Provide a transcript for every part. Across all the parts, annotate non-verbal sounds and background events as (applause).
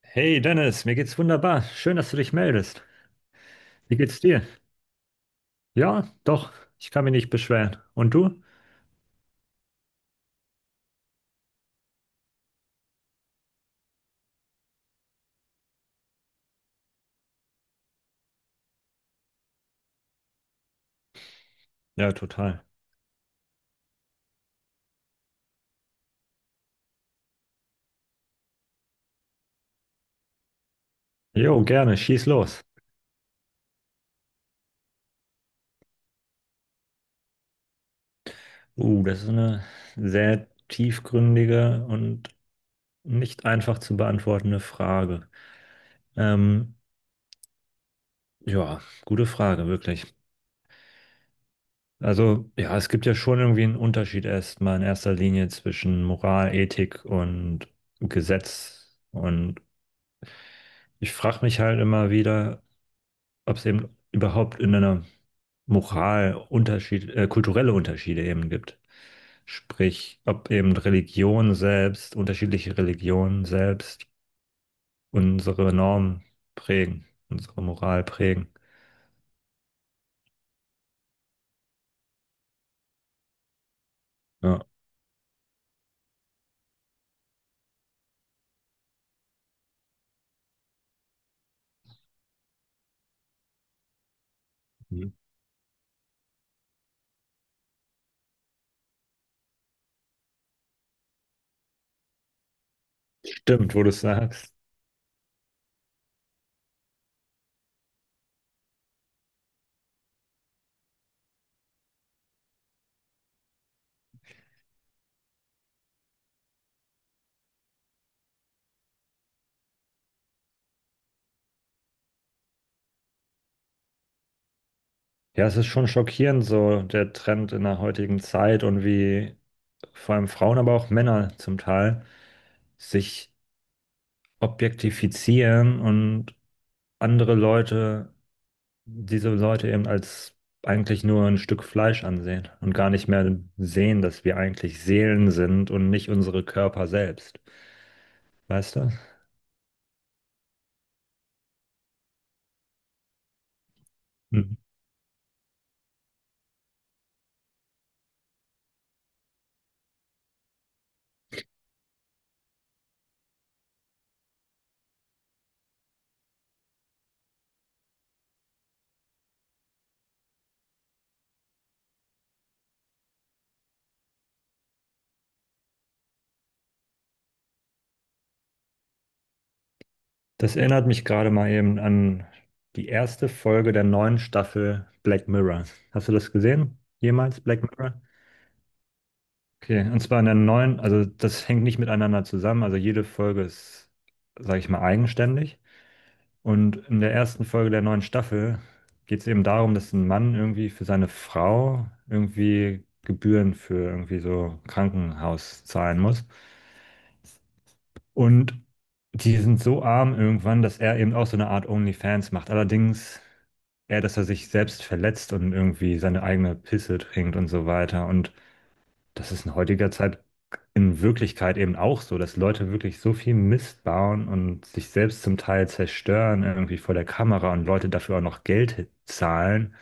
Hey Dennis, mir geht's wunderbar. Schön, dass du dich meldest. Wie geht's dir? Ja, doch, ich kann mich nicht beschweren. Und du? Ja, total. Jo, gerne, schieß los. Das ist eine sehr tiefgründige und nicht einfach zu beantwortende Frage. Ähm, ja, gute Frage, wirklich. Also, ja, es gibt ja schon irgendwie einen Unterschied erstmal in erster Linie zwischen Moral, Ethik und Gesetz. Und ich frage mich halt immer wieder, ob es eben überhaupt in einer Moral Unterschied, kulturelle Unterschiede eben gibt. Sprich, ob eben Religion selbst, unterschiedliche Religionen selbst unsere Normen prägen, unsere Moral prägen. Ja, stimmt, wo du es sagst. Ja, es ist schon schockierend, so der Trend in der heutigen Zeit und wie vor allem Frauen, aber auch Männer zum Teil sich objektifizieren und andere Leute diese Leute eben als eigentlich nur ein Stück Fleisch ansehen und gar nicht mehr sehen, dass wir eigentlich Seelen sind und nicht unsere Körper selbst. Weißt du? Mhm. Das erinnert mich gerade mal eben an die erste Folge der neuen Staffel Black Mirror. Hast du das gesehen? Jemals Black Mirror? Okay, und zwar in der neuen, also das hängt nicht miteinander zusammen, also jede Folge ist, sage ich mal, eigenständig. Und in der ersten Folge der neuen Staffel geht es eben darum, dass ein Mann irgendwie für seine Frau irgendwie Gebühren für irgendwie so Krankenhaus zahlen muss. Und die sind so arm irgendwann, dass er eben auch so eine Art OnlyFans macht. Allerdings eher, dass er sich selbst verletzt und irgendwie seine eigene Pisse trinkt und so weiter. Und das ist in heutiger Zeit in Wirklichkeit eben auch so, dass Leute wirklich so viel Mist bauen und sich selbst zum Teil zerstören, irgendwie vor der Kamera und Leute dafür auch noch Geld zahlen,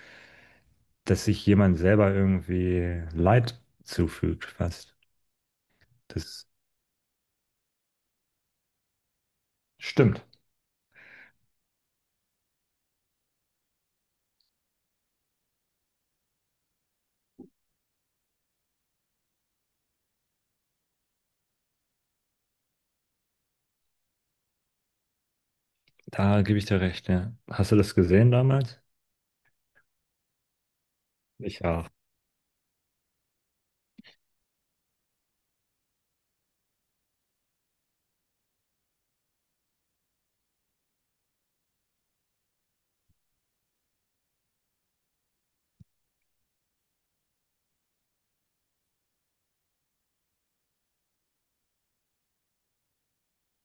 dass sich jemand selber irgendwie Leid zufügt, fast. Das stimmt. Da gebe ich dir recht, ja. Hast du das gesehen damals? Ich auch.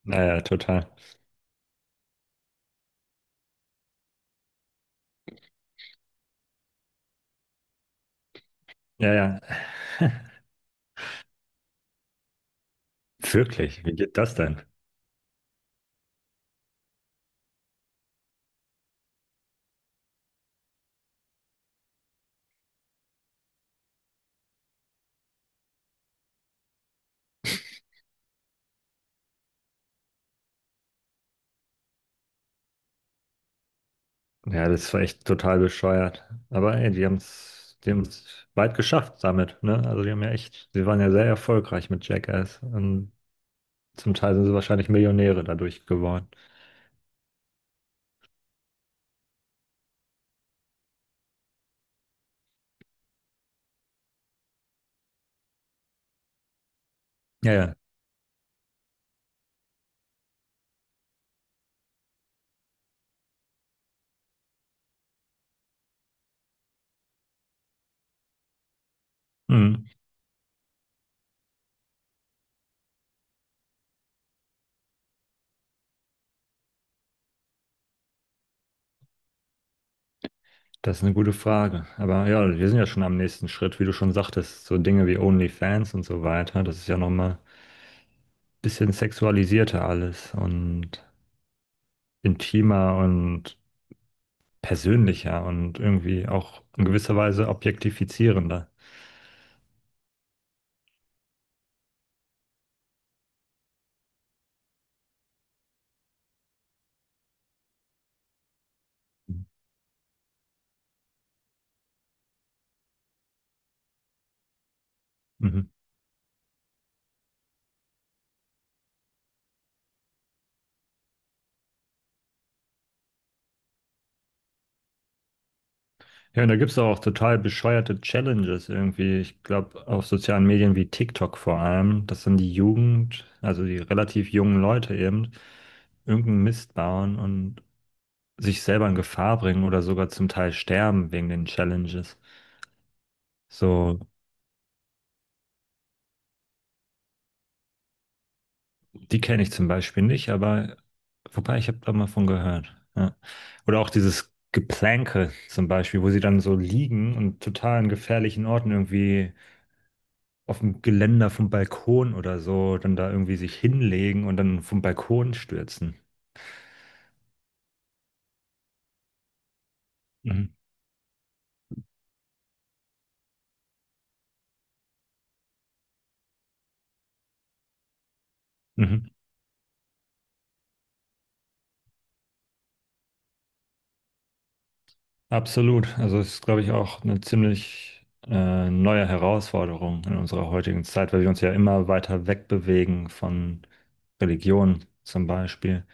Naja, total. Ja, ja. Wirklich, wie geht das denn? Ja, das war echt total bescheuert. Aber ey, die haben es weit geschafft damit, ne? Also die haben ja echt, sie waren ja sehr erfolgreich mit Jackass und zum Teil sind sie wahrscheinlich Millionäre dadurch geworden. Ja, ja. Mhm. Das ist eine gute Frage. Aber ja, wir sind ja schon am nächsten Schritt, wie du schon sagtest, so Dinge wie OnlyFans und so weiter. Das ist ja nochmal ein bisschen sexualisierter alles und intimer und persönlicher und irgendwie auch in gewisser Weise objektifizierender. Mhm. Ja, und da gibt es auch total bescheuerte Challenges irgendwie. Ich glaube, auf sozialen Medien wie TikTok vor allem, dass dann die Jugend, also die relativ jungen Leute eben, irgendeinen Mist bauen und sich selber in Gefahr bringen oder sogar zum Teil sterben wegen den Challenges. So, die kenne ich zum Beispiel nicht, aber wobei, ich habe da mal von gehört. Ja. Oder auch dieses Geplänke zum Beispiel, wo sie dann so liegen und total in gefährlichen Orten irgendwie auf dem Geländer vom Balkon oder so, dann da irgendwie sich hinlegen und dann vom Balkon stürzen. Mhm. Mhm. Absolut. Also es ist, glaube ich, auch eine ziemlich neue Herausforderung in unserer heutigen Zeit, weil wir uns ja immer weiter wegbewegen von Religion zum Beispiel.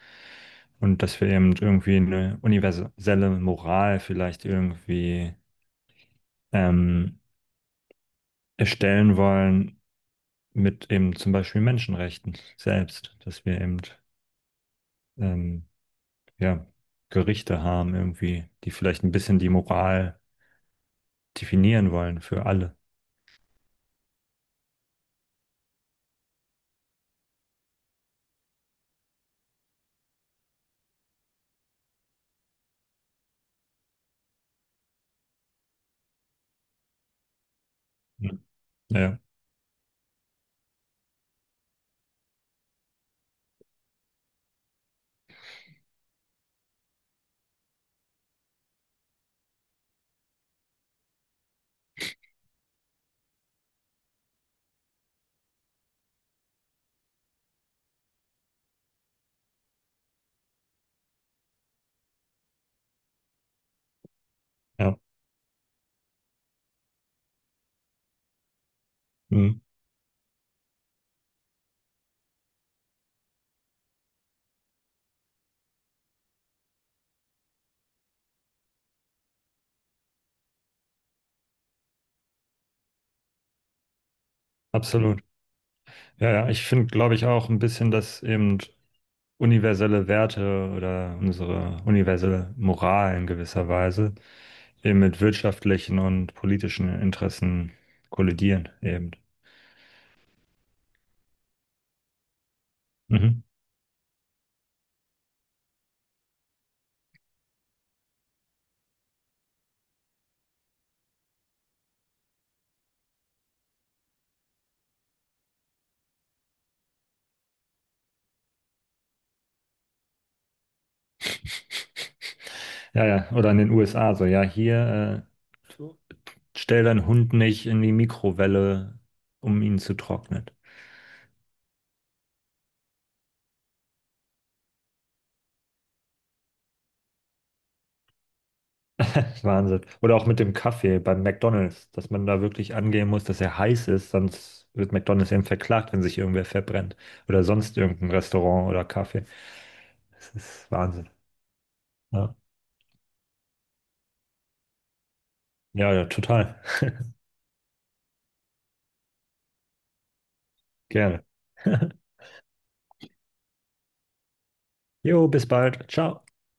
Und dass wir eben irgendwie eine universelle Moral vielleicht irgendwie ähm, erstellen wollen mit eben zum Beispiel Menschenrechten selbst, dass wir eben ähm, ja, Gerichte haben irgendwie, die vielleicht ein bisschen die Moral definieren wollen für alle. Mhm. Ja, ja, mhm, absolut. Ja, ja, ich finde, glaube ich, auch ein bisschen, dass eben universelle Werte oder unsere universelle Moral in gewisser Weise eben mit wirtschaftlichen und politischen Interessen kollidieren eben. Mhm. Ja, ja, oder in den USA so, ja, hier äh, stell deinen Hund nicht in die Mikrowelle, um ihn zu trocknen. Wahnsinn. Oder auch mit dem Kaffee beim McDonald's, dass man da wirklich angehen muss, dass er heiß ist, sonst wird McDonald's eben verklagt, wenn sich irgendwer verbrennt. Oder sonst irgendein Restaurant oder Kaffee. Das ist Wahnsinn. Ja, ja, ja, total. Gerne. (laughs) Jo, bis bald. Ciao.